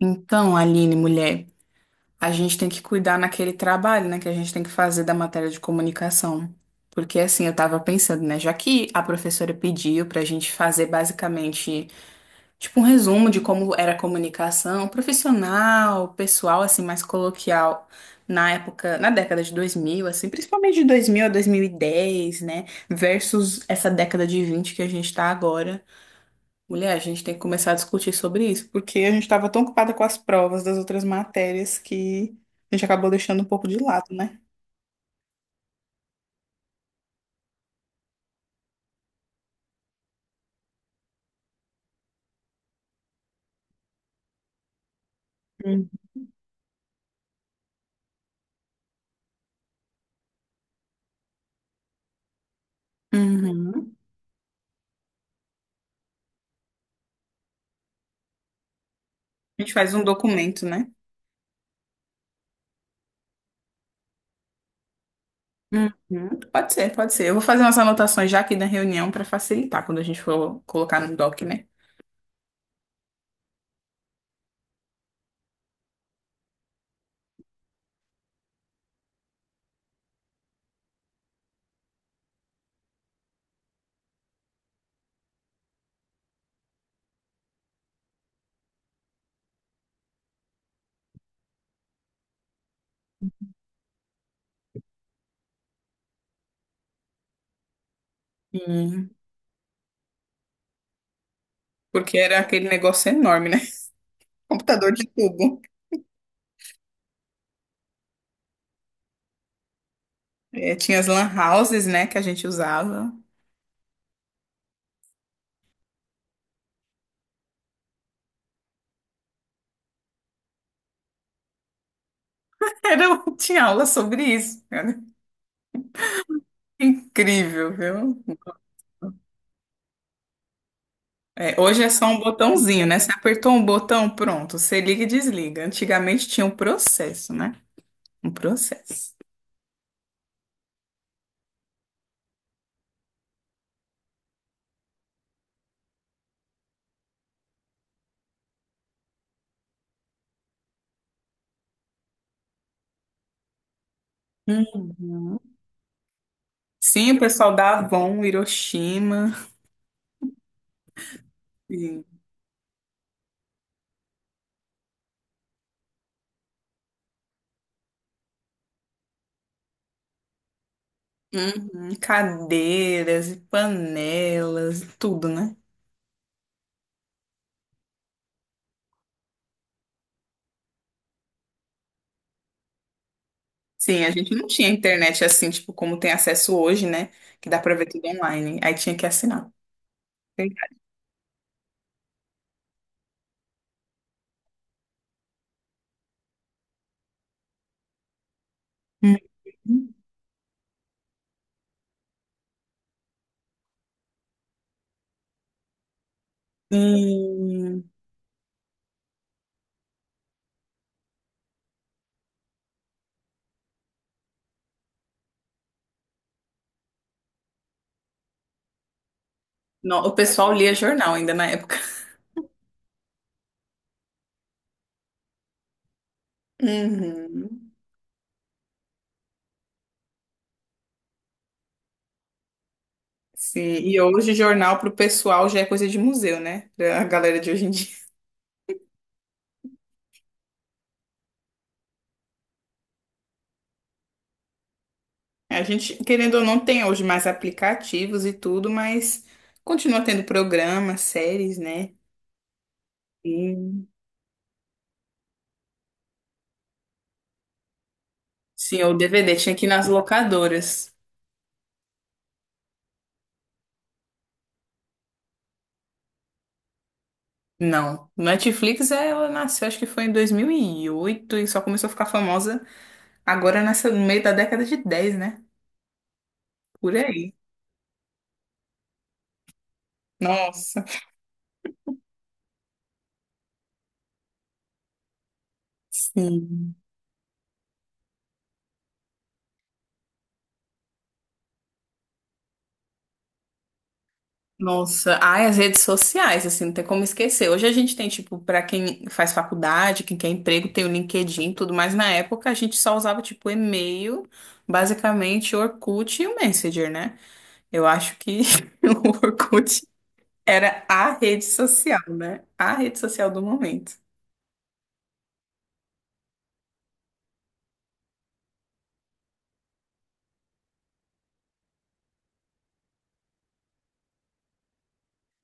Então, Aline, mulher, a gente tem que cuidar naquele trabalho, né, que a gente tem que fazer da matéria de comunicação. Porque assim, eu tava pensando, né, já que a professora pediu pra gente fazer basicamente, tipo, um resumo de como era a comunicação profissional, pessoal, assim, mais coloquial na época, na década de 2000, assim, principalmente de 2000 a 2010, né, versus essa década de 20 que a gente tá agora. Mulher, a gente tem que começar a discutir sobre isso, porque a gente estava tão ocupada com as provas das outras matérias que a gente acabou deixando um pouco de lado, né? Hum. Uhum. A gente faz um documento, né? Uhum. Pode ser, pode ser. Eu vou fazer umas anotações já aqui na reunião para facilitar quando a gente for colocar no doc, né? Hum. Porque era aquele negócio enorme, né? Computador de tubo. É, tinha as lan houses, né, que a gente usava. Era, tinha aula sobre isso, cara. Incrível, viu? É, hoje é só um botãozinho, né? Você apertou um botão, pronto. Você liga e desliga. Antigamente tinha um processo, né? Um processo. Uhum. Sim, o pessoal da Avon, Hiroshima. Sim. Uhum. Cadeiras e panelas, e tudo, né? Sim, a gente não tinha internet assim, tipo, como tem acesso hoje, né? Que dá pra ver tudo online. Aí tinha que assinar. Uhum. Sim. Não, o pessoal lia jornal ainda na época. Uhum. Sim, e hoje jornal para o pessoal já é coisa de museu, né? Pra a galera de hoje em dia. A gente, querendo ou não, tem hoje mais aplicativos e tudo, mas continua tendo programas, séries, né? E, sim, o DVD tinha que ir nas locadoras. Não, Netflix ela nasceu, acho que foi em 2008 e só começou a ficar famosa agora nessa, no meio da década de 10, né? Por aí. Nossa, sim. Nossa, ai, as redes sociais, assim, não tem como esquecer. Hoje a gente tem, tipo, pra quem faz faculdade, quem quer emprego, tem o LinkedIn, e tudo, mas na época a gente só usava, tipo, e-mail, basicamente Orkut e o Messenger, né? Eu acho que o Orkut era a rede social, né? A rede social do momento.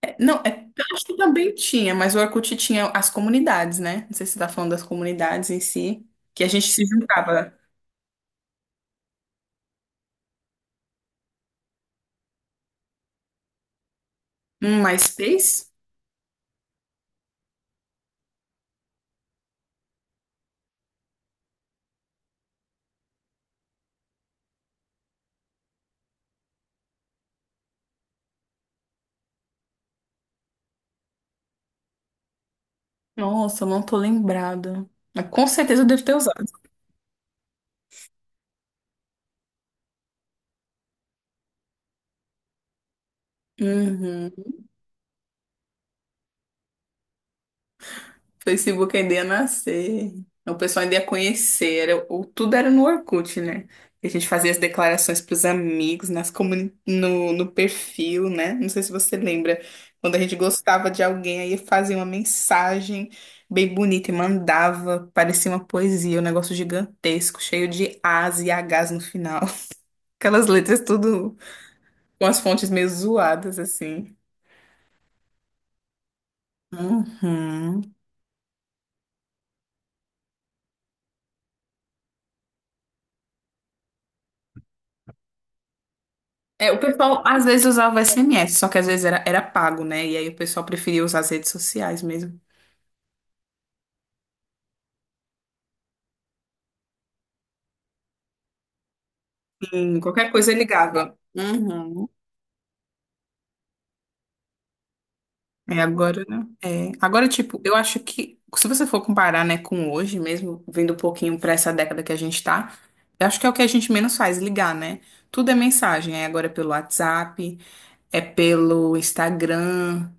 É, não, é, eu acho que também tinha, mas o Orkut tinha as comunidades, né? Não sei se você tá falando das comunidades em si, que a gente se juntava. Um MySpace? Nossa, eu não tô lembrada. Mas com certeza eu devo ter usado. Uhum. Facebook ainda ia nascer. O pessoal ainda ia conhecer. Era, o, tudo era no Orkut, né? E a gente fazia as declarações pros amigos, no perfil, né? Não sei se você lembra. Quando a gente gostava de alguém, aí fazia uma mensagem bem bonita e mandava. Parecia uma poesia, um negócio gigantesco, cheio de As e Hs no final. Aquelas letras tudo com as fontes meio zoadas, assim. Uhum. É, o pessoal às vezes usava o SMS, só que às vezes era pago, né? E aí o pessoal preferia usar as redes sociais mesmo. Sim, qualquer coisa ligava. Uhum. É, agora, né? É, agora, tipo, eu acho que se você for comparar, né, com hoje mesmo, vindo um pouquinho pra essa década que a gente tá, eu acho que é o que a gente menos faz, ligar, né? Tudo é mensagem. É agora pelo WhatsApp, é pelo Instagram.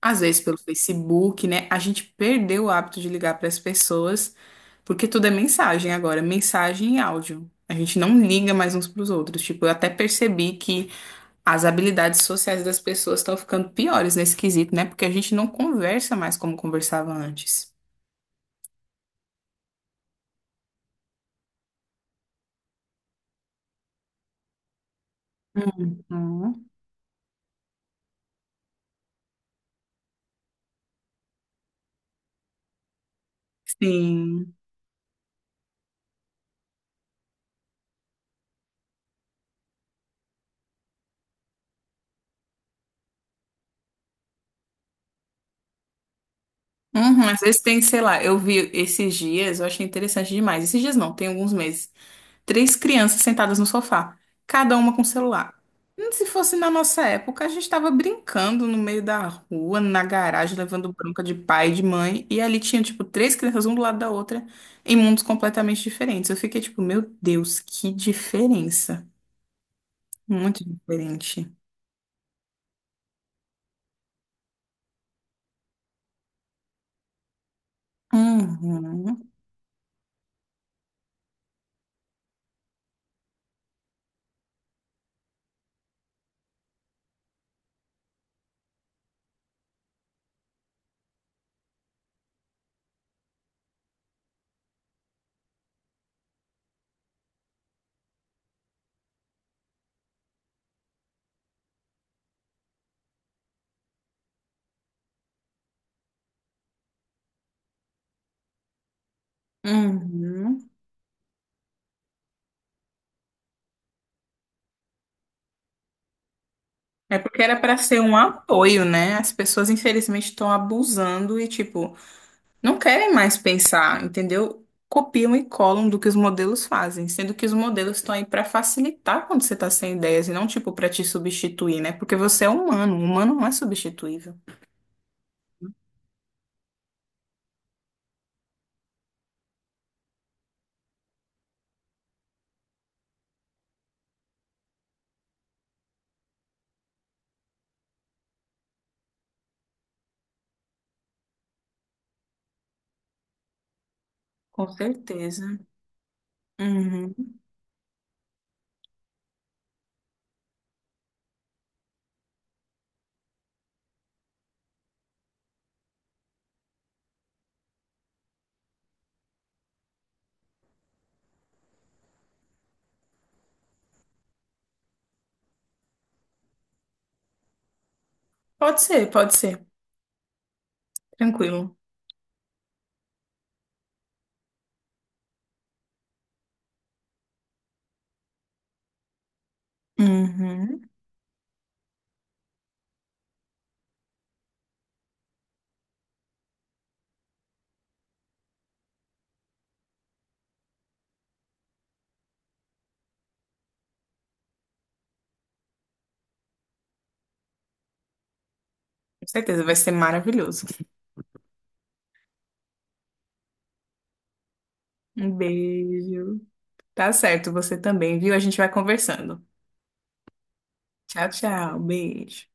Às vezes pelo Facebook, né? A gente perdeu o hábito de ligar para as pessoas, porque tudo é mensagem agora, mensagem e áudio. A gente não liga mais uns para os outros. Tipo, eu até percebi que as habilidades sociais das pessoas estão ficando piores nesse quesito, né? Porque a gente não conversa mais como conversava antes. Uhum. Sim. Uhum. Às vezes tem, sei lá, eu vi esses dias, eu achei interessante demais. Esses dias não, tem alguns meses. Três crianças sentadas no sofá, cada uma com celular. Se fosse na nossa época, a gente estava brincando no meio da rua, na garagem, levando bronca de pai e de mãe, e ali tinha, tipo, três crianças, um do lado da outra, em mundos completamente diferentes. Eu fiquei tipo, meu Deus, que diferença. Muito diferente. Uhum, uhum. É porque era para ser um apoio, né? As pessoas, infelizmente, estão abusando e, tipo, não querem mais pensar, entendeu? Copiam e colam do que os modelos fazem, sendo que os modelos estão aí para facilitar quando você está sem ideias e não tipo para te substituir, né? Porque você é humano, o humano não é substituível. Com certeza. Uhum. Pode ser, pode ser. Tranquilo. Uhum. Com certeza, vai ser maravilhoso. Um beijo. Tá certo, você também, viu? A gente vai conversando. Tchau, tchau. Beijo.